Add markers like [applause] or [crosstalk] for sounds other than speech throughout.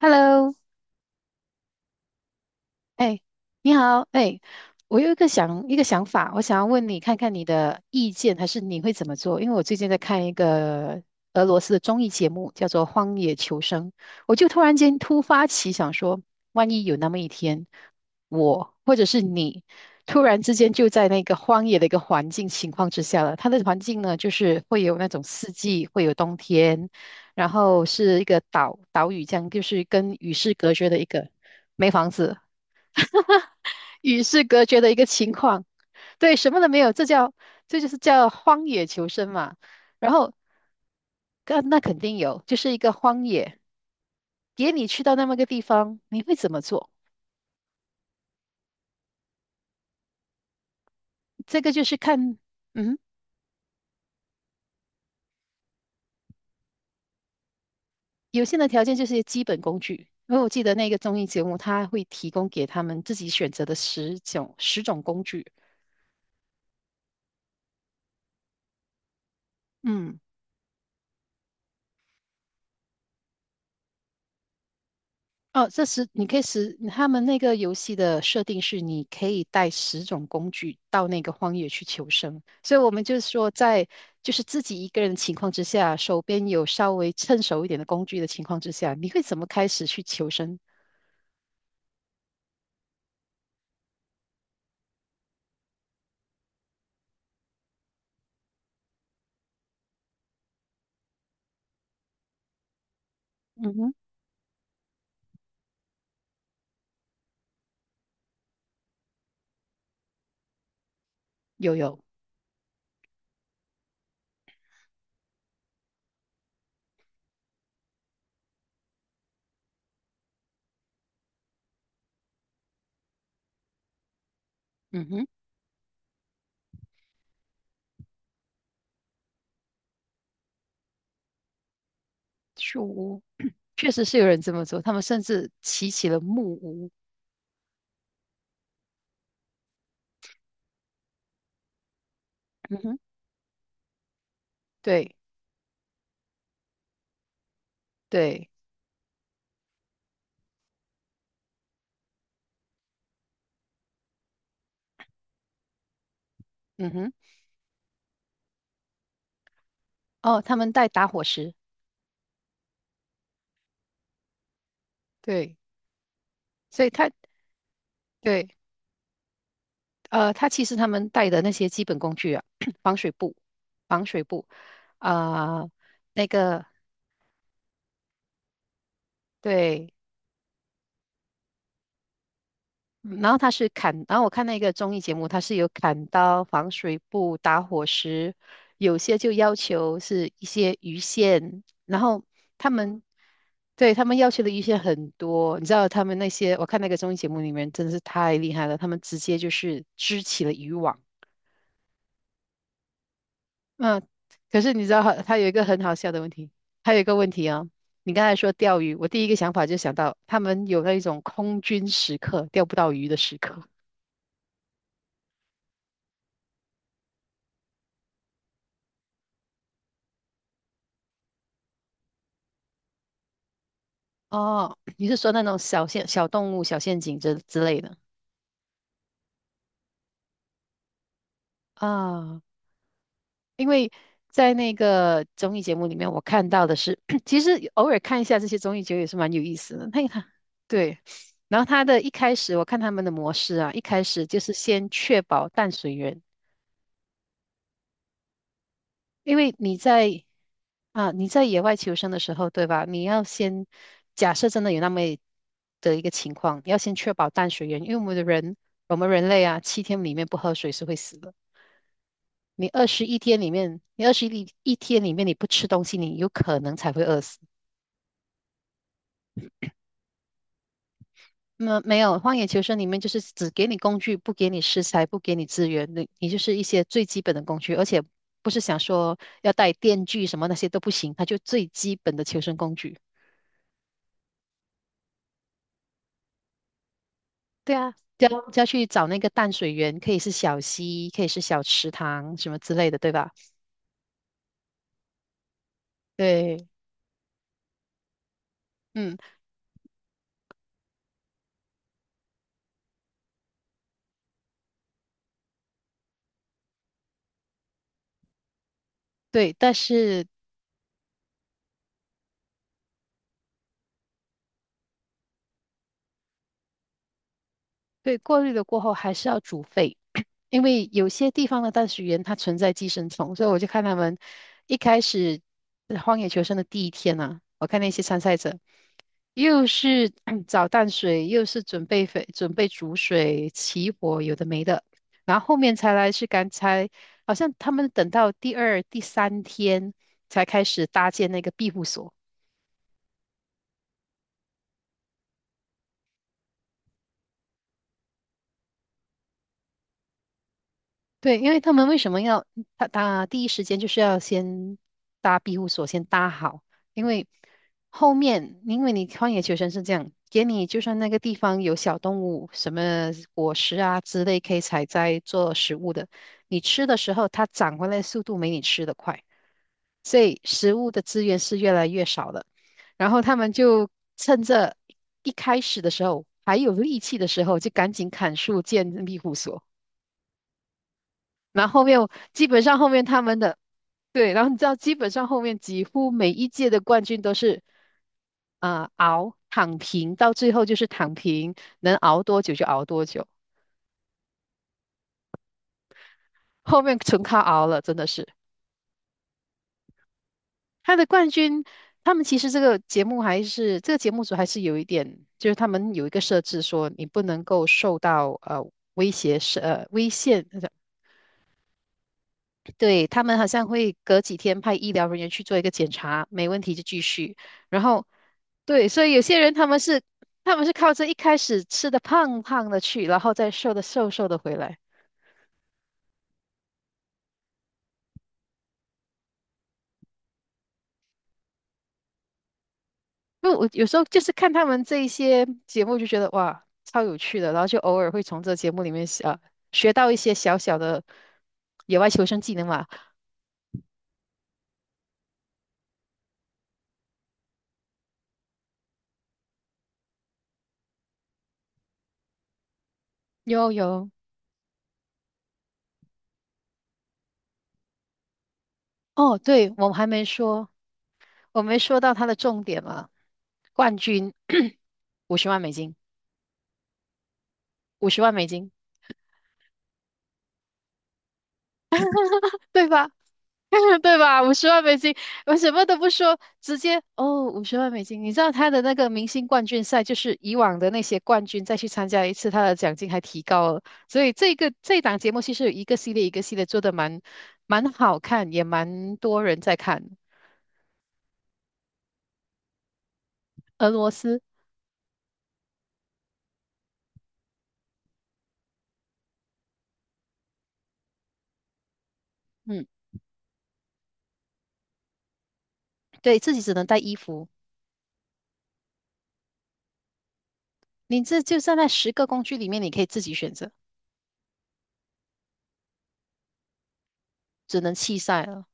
Hello，哎，你好，哎，我有一个想法，我想要问你看看你的意见，还是你会怎么做？因为我最近在看一个俄罗斯的综艺节目，叫做《荒野求生》，我就突然间突发奇想说，万一有那么一天，我或者是你突然之间就在那个荒野的一个环境情况之下了，它的环境呢，就是会有那种四季，会有冬天，然后是一个岛屿这样，就是跟与世隔绝的一个。没房子。与世隔绝的一个情况。对，什么都没有，这就是叫荒野求生嘛。然后，那肯定有，就是一个荒野，给你去到那么个地方，你会怎么做？这个就是看，嗯，有限的条件就是基本工具。因为我记得那个综艺节目，它会提供给他们自己选择的十种工具。嗯。哦，这十你可以十，他们那个游戏的设定是你可以带十种工具到那个荒野去求生，所以我们就是说在就是自己一个人的情况之下，手边有稍微趁手一点的工具的情况之下，你会怎么开始去求生？嗯哼，有有，嗯哼，树屋确实是有人这么做，他们甚至起了木屋，嗯哼，对对，嗯哼，哦，他们带打火石，对，所以他。对。他其实他们带的那些基本工具啊，[clears throat] 防水布、防水布啊、那个对，嗯然后他是砍，然后我看那个综艺节目，它是有砍刀、防水布、打火石，有些就要求是一些鱼线，然后他们对，他们要求的鱼线很多，你知道他们那些，我看那个综艺节目里面真的是太厉害了，他们直接就是织起了渔网。嗯，可是你知道它，它有一个很好笑的问题，还有一个问题啊、你刚才说钓鱼，我第一个想法就想到他们有那一种空军时刻，钓不到鱼的时刻。哦，你是说那种小陷、小动物、小陷阱之类的啊？因为在那个综艺节目里面，我看到的是，[coughs] [clears throat] 其实偶尔看一下这些综艺节目也是蛮有意思的。那个 [laughs]，对，然后他的一开始，我看他们的模式啊，一开始就是先确保淡水源。因为你在啊，你在野外求生的时候，对吧？你要先假设真的有那么一个情况，你要先确保淡水源，因为我们的人，我们人类啊，7天里面不喝水是会死的。你21天里面，你二十一天里面你不吃东西，你有可能才会饿死。那没有，荒野求生里面就是只给你工具，不给你食材，不给你资源，你就是一些最基本的工具，而且不是想说要带电锯什么那些都不行，它就最基本的求生工具。对啊，就要去找那个淡水源，可以是小溪，可以是小池塘什么之类的，对吧？对，嗯，对，但是，对，过滤了过后还是要煮沸。[clears throat] 因为有些地方的淡水源它存在寄生虫，所以我就看他们一开始荒野求生的第一天啊，我看那些参赛者，又是找淡水，又是准备水，准备煮水、起火，有的没的。然后后面才来是刚才，好像他们等到第二、第三天才开始搭建那个庇护所。对，因为他们为什么要他第一时间就是要先搭庇护所，先搭好，因为后面因为你荒野求生是这样，给你就算那个地方有小动物，什么果实啊之类可以采摘做食物的，你吃的时候它长回来的速度没你吃的快，所以食物的资源是越来越少的。然后他们就趁着一开始的时候还有力气的时候，就赶紧砍树建庇护所。然后后面我基本上后面他们的。对，然后你知道基本上后面几乎每一届的冠军都是啊、呃熬躺平，到最后就是躺平，能熬多久就熬多久，后面纯靠熬了，真的是他的冠军。他们其实这个节目还是这个节目组还是有一点，就是他们有一个设置说你不能够受到威胁是危险。对，他们好像会隔几天派医疗人员去做一个检查，没问题就继续。然后，对，所以有些人他们是靠着一开始吃的胖胖的去，然后再瘦的瘦瘦的回来。因为我有时候就是看他们这一些节目，就觉得哇，超有趣的，然后就偶尔会从这节目里面啊学到一些小小的野外求生技能嘛。有有哦，对，我们还没说，我没说到它的重点嘛，冠军五十 [clears throat] 万美金。50万美金，对吧？[laughs] 对吧？五十万美金，我什么都不说，直接哦，五十万美金。你知道他的那个明星冠军赛，就是以往的那些冠军再去参加一次，他的奖金还提高了。所以这个这档节目其实有一个系列一个系列做的蛮好看，也蛮多人在看。俄罗斯，嗯，对自己只能带衣服，你这就在那10个工具里面，你可以自己选择，只能弃赛了。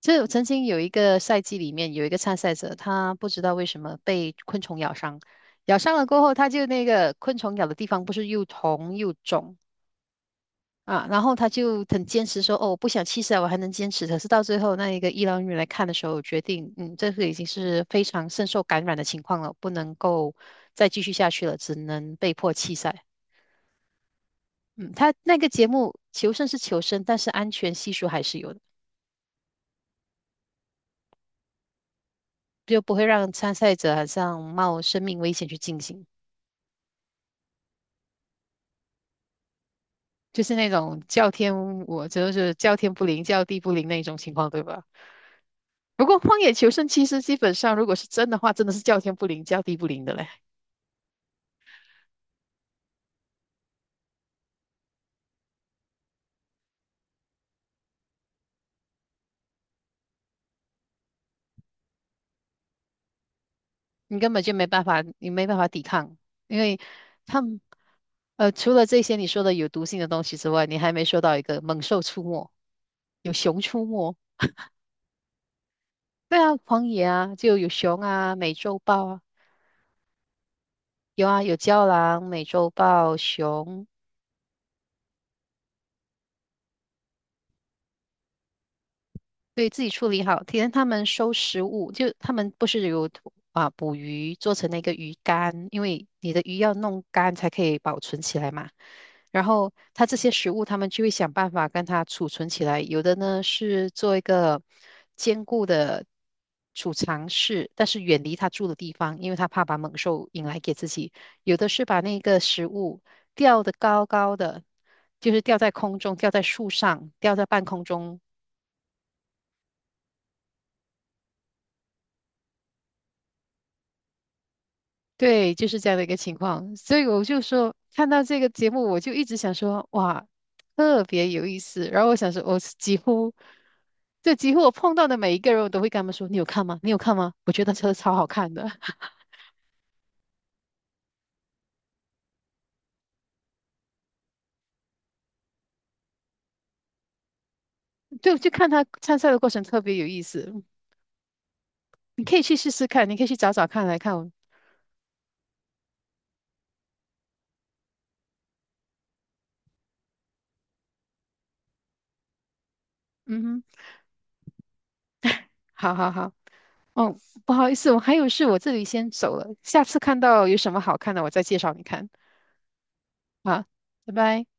就是我曾经有一个赛季里面有一个参赛者，他不知道为什么被昆虫咬伤，咬伤了过后，他就那个昆虫咬的地方不是又红又肿啊，然后他就很坚持说，哦，我不想弃赛，我还能坚持。可是到最后那一个医疗人员来看的时候，决定，嗯，这个已经是非常深受感染的情况了，不能够再继续下去了，只能被迫弃赛。嗯，他那个节目求胜是求生，但是安全系数还是有的，就不会让参赛者好像冒生命危险去进行。就是那种叫天，我就是叫天不灵，叫地不灵那种情况，对吧？不过《荒野求生》其实基本上，如果是真的话，真的是叫天不灵，叫地不灵的嘞，你根本就没办法，你没办法抵抗，因为他们除了这些你说的有毒性的东西之外，你还没说到一个猛兽出没，有熊出没，对啊，荒野啊，就有熊啊，美洲豹啊，有啊，有郊狼、美洲豹、熊，对自己处理好。体验他们收食物，就他们不是有啊捕鱼做成那个鱼干，因为你的鱼要弄干才可以保存起来嘛。然后它这些食物，他们就会想办法跟它储存起来。有的呢是做一个坚固的储藏室，但是远离它住的地方，因为它怕把猛兽引来给自己。有的是把那个食物吊得高高的，就是吊在空中，吊在树上，吊在半空中，对，就是这样的一个情况，所以我就说，看到这个节目，我就一直想说，哇，特别有意思。然后我想说，我几乎，就几乎我碰到的每一个人，我都会跟他们说，你有看吗？你有看吗？我觉得车超好看的，[laughs] 我就看他参赛的过程特别有意思。你可以去试试看，你可以去找找看来看。嗯哼，好好好，哦，不好意思，我还有事，我这里先走了，下次看到有什么好看的，我再介绍你看。好，拜拜。